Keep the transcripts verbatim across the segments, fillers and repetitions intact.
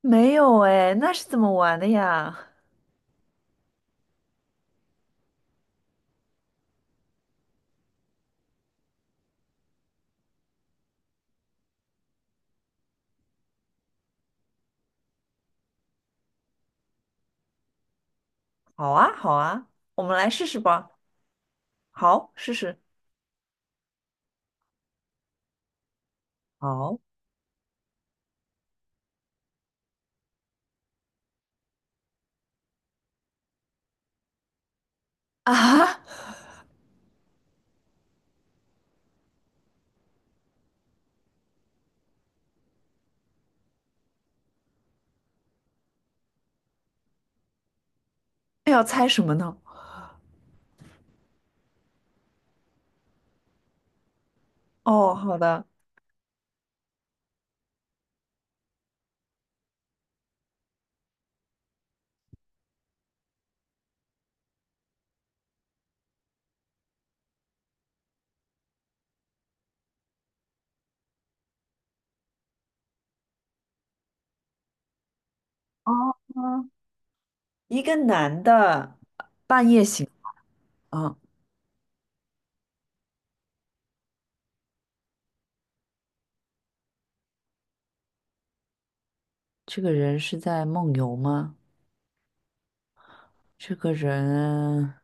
没有哎，那是怎么玩的呀？好啊，好啊，我们来试试吧。好，试试。好。啊。那要猜什么呢？哦，好的。哦，一个男的半夜醒。啊，这个人是在梦游吗？这个人，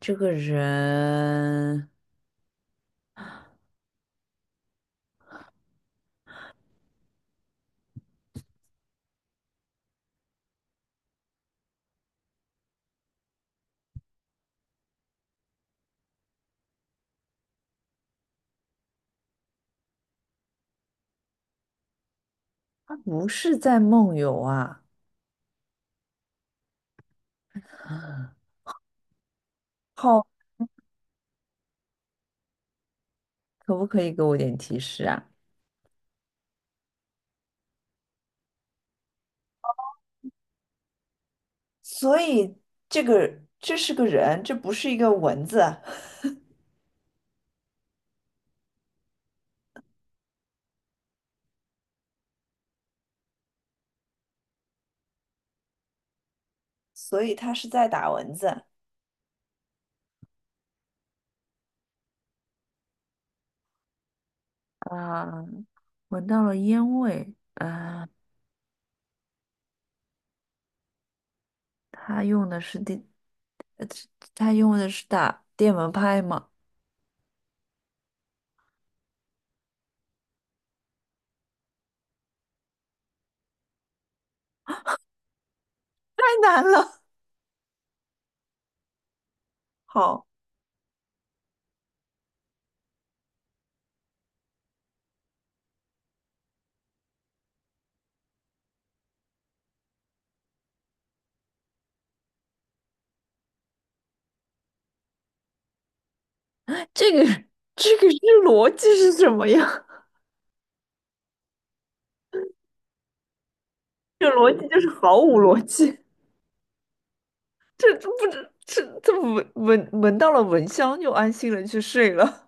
这个人，他不是在梦游啊。啊，好，可不可以给我点提示啊？所以这个这是个人，这不是一个蚊子。所以他是在打蚊子。啊，闻到了烟味啊！他用的是电，他用的是打电蚊拍吗？太难了。好，这个这个是逻辑是什么呀？这逻辑就是毫无逻辑。这这不知这这闻闻闻到了蚊香就安心了去睡了。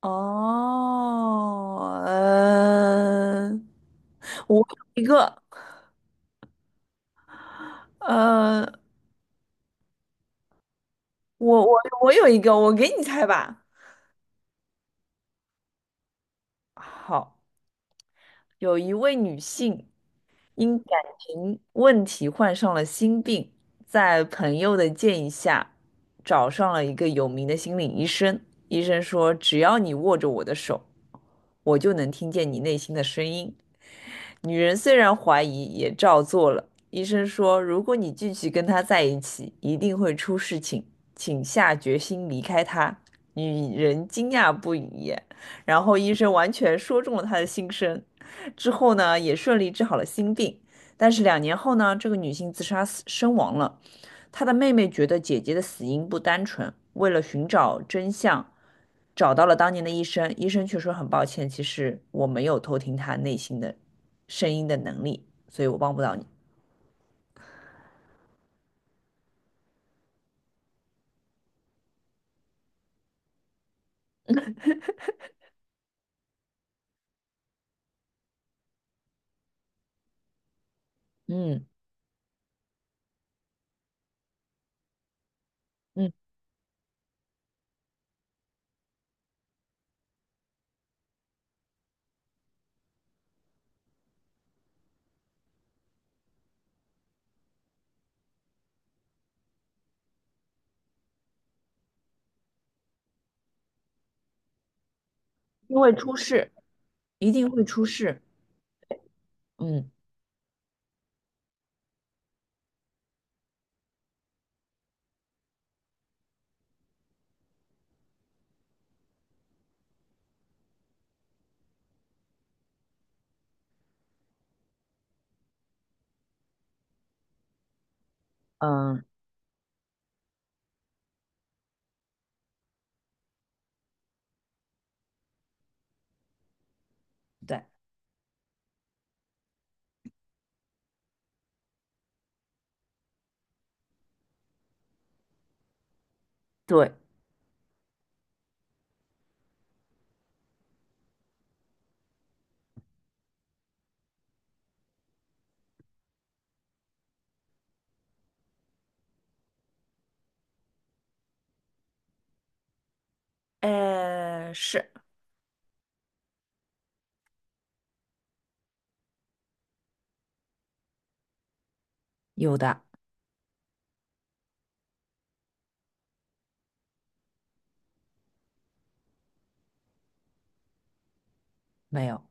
哦，嗯。我有一个，呃，我我我有一个，我给你猜吧。好，有一位女性，因感情问题患上了心病，在朋友的建议下，找上了一个有名的心理医生。医生说，只要你握着我的手，我就能听见你内心的声音。女人虽然怀疑，也照做了。医生说，如果你继续跟他在一起，一定会出事情，请下决心离开他。女人惊讶不已，然后医生完全说中了她的心声。之后呢，也顺利治好了心病。但是两年后呢，这个女性自杀死身亡了。她的妹妹觉得姐姐的死因不单纯，为了寻找真相，找到了当年的医生。医生却说很抱歉，其实我没有偷听她内心的声音的能力，所以我帮不到你。嗯嗯，因为出事，一定会出事。嗯嗯，对对。呃，是有的。没有。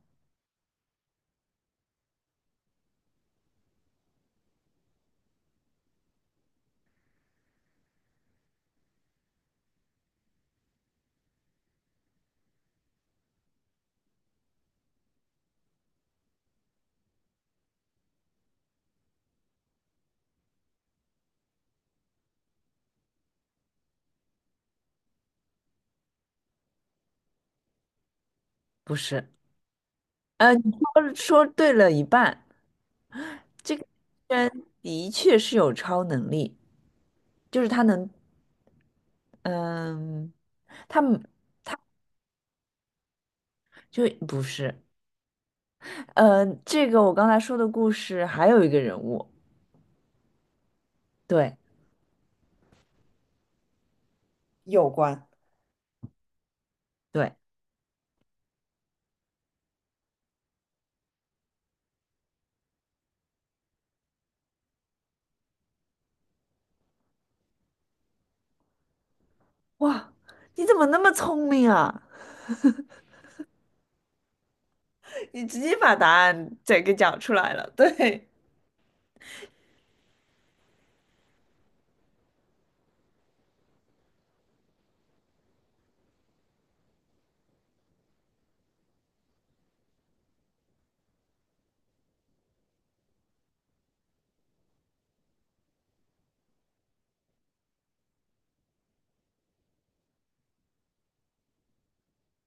不是。呃，你说说对了一半。这个人的确是有超能力，就是他能，嗯，他们就不是。呃，这个我刚才说的故事还有一个人物，对。有关，对。哇，你怎么那么聪明啊？你直接把答案整个讲出来了。对，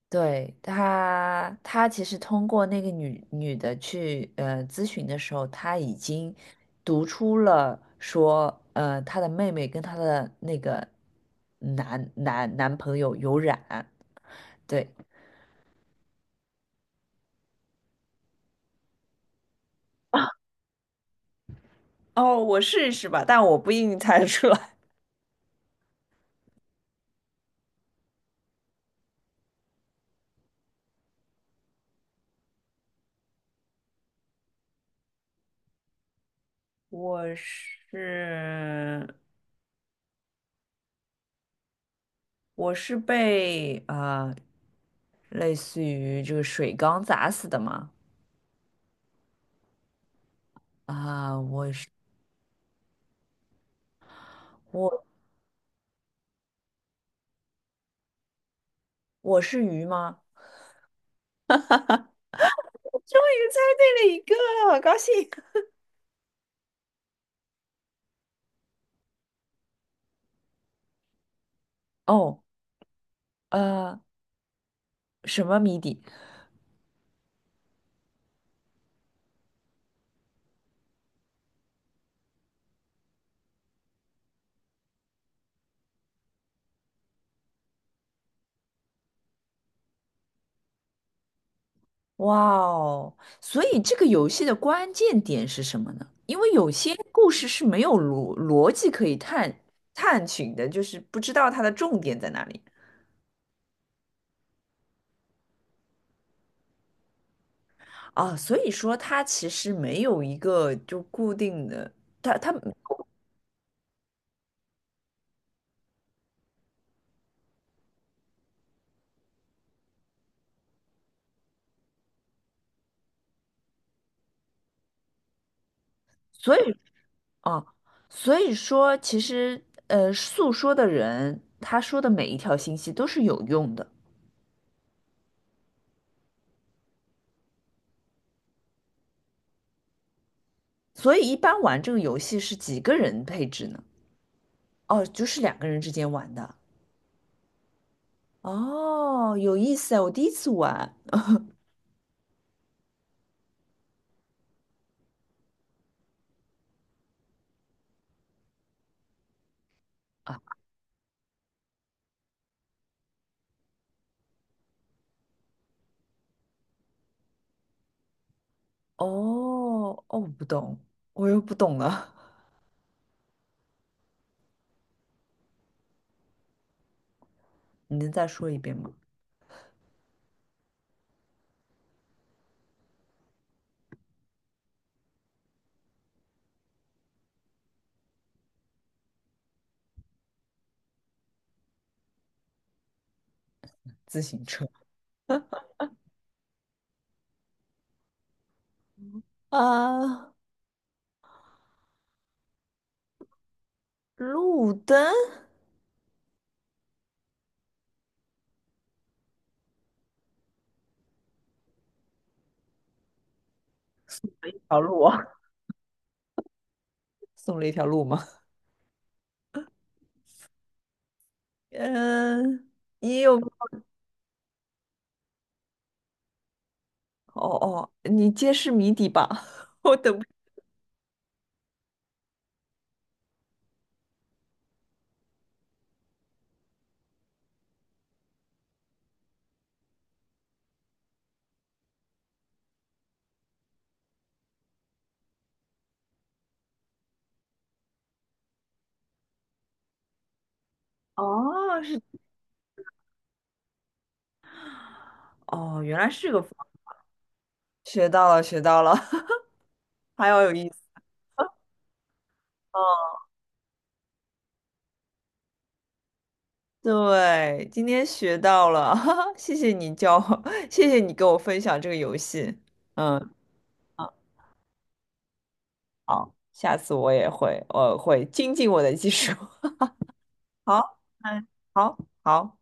对，他，他其实通过那个女女的去呃咨询的时候，他已经读出了说，呃，他的妹妹跟他的那个男男男朋友有染，对。哦，我试试吧，但我不一定猜得出来。我是我是被啊、呃类似于这个水缸砸死的吗？啊、我是我我是鱼吗？终于猜对了一个，好高兴！哦，呃，什么谜底？哇哦！所以这个游戏的关键点是什么呢？因为有些故事是没有逻逻辑可以探探寻的，就是不知道它的重点在哪里啊。所以说，它其实没有一个就固定的，它它，所以啊，所以说其实呃，诉说的人他说的每一条信息都是有用的。所以一般玩这个游戏是几个人配置呢？哦，就是两个人之间玩的。哦，有意思啊，我第一次玩啊。哦，哦，我不懂，我又不懂了。你能再说一遍吗？自行车啊，路灯，条路啊，送了一条路吗？嗯，也有。哦哦，你揭示谜底吧，我等不。哦，是哦，原来是个方学到了，学到了。还要有意思。对，今天学到了。哈哈，谢谢你教我，谢谢你给我分享这个游戏。嗯。嗯，好，下次我也会，我会精进我的技术。好，嗯，好，好。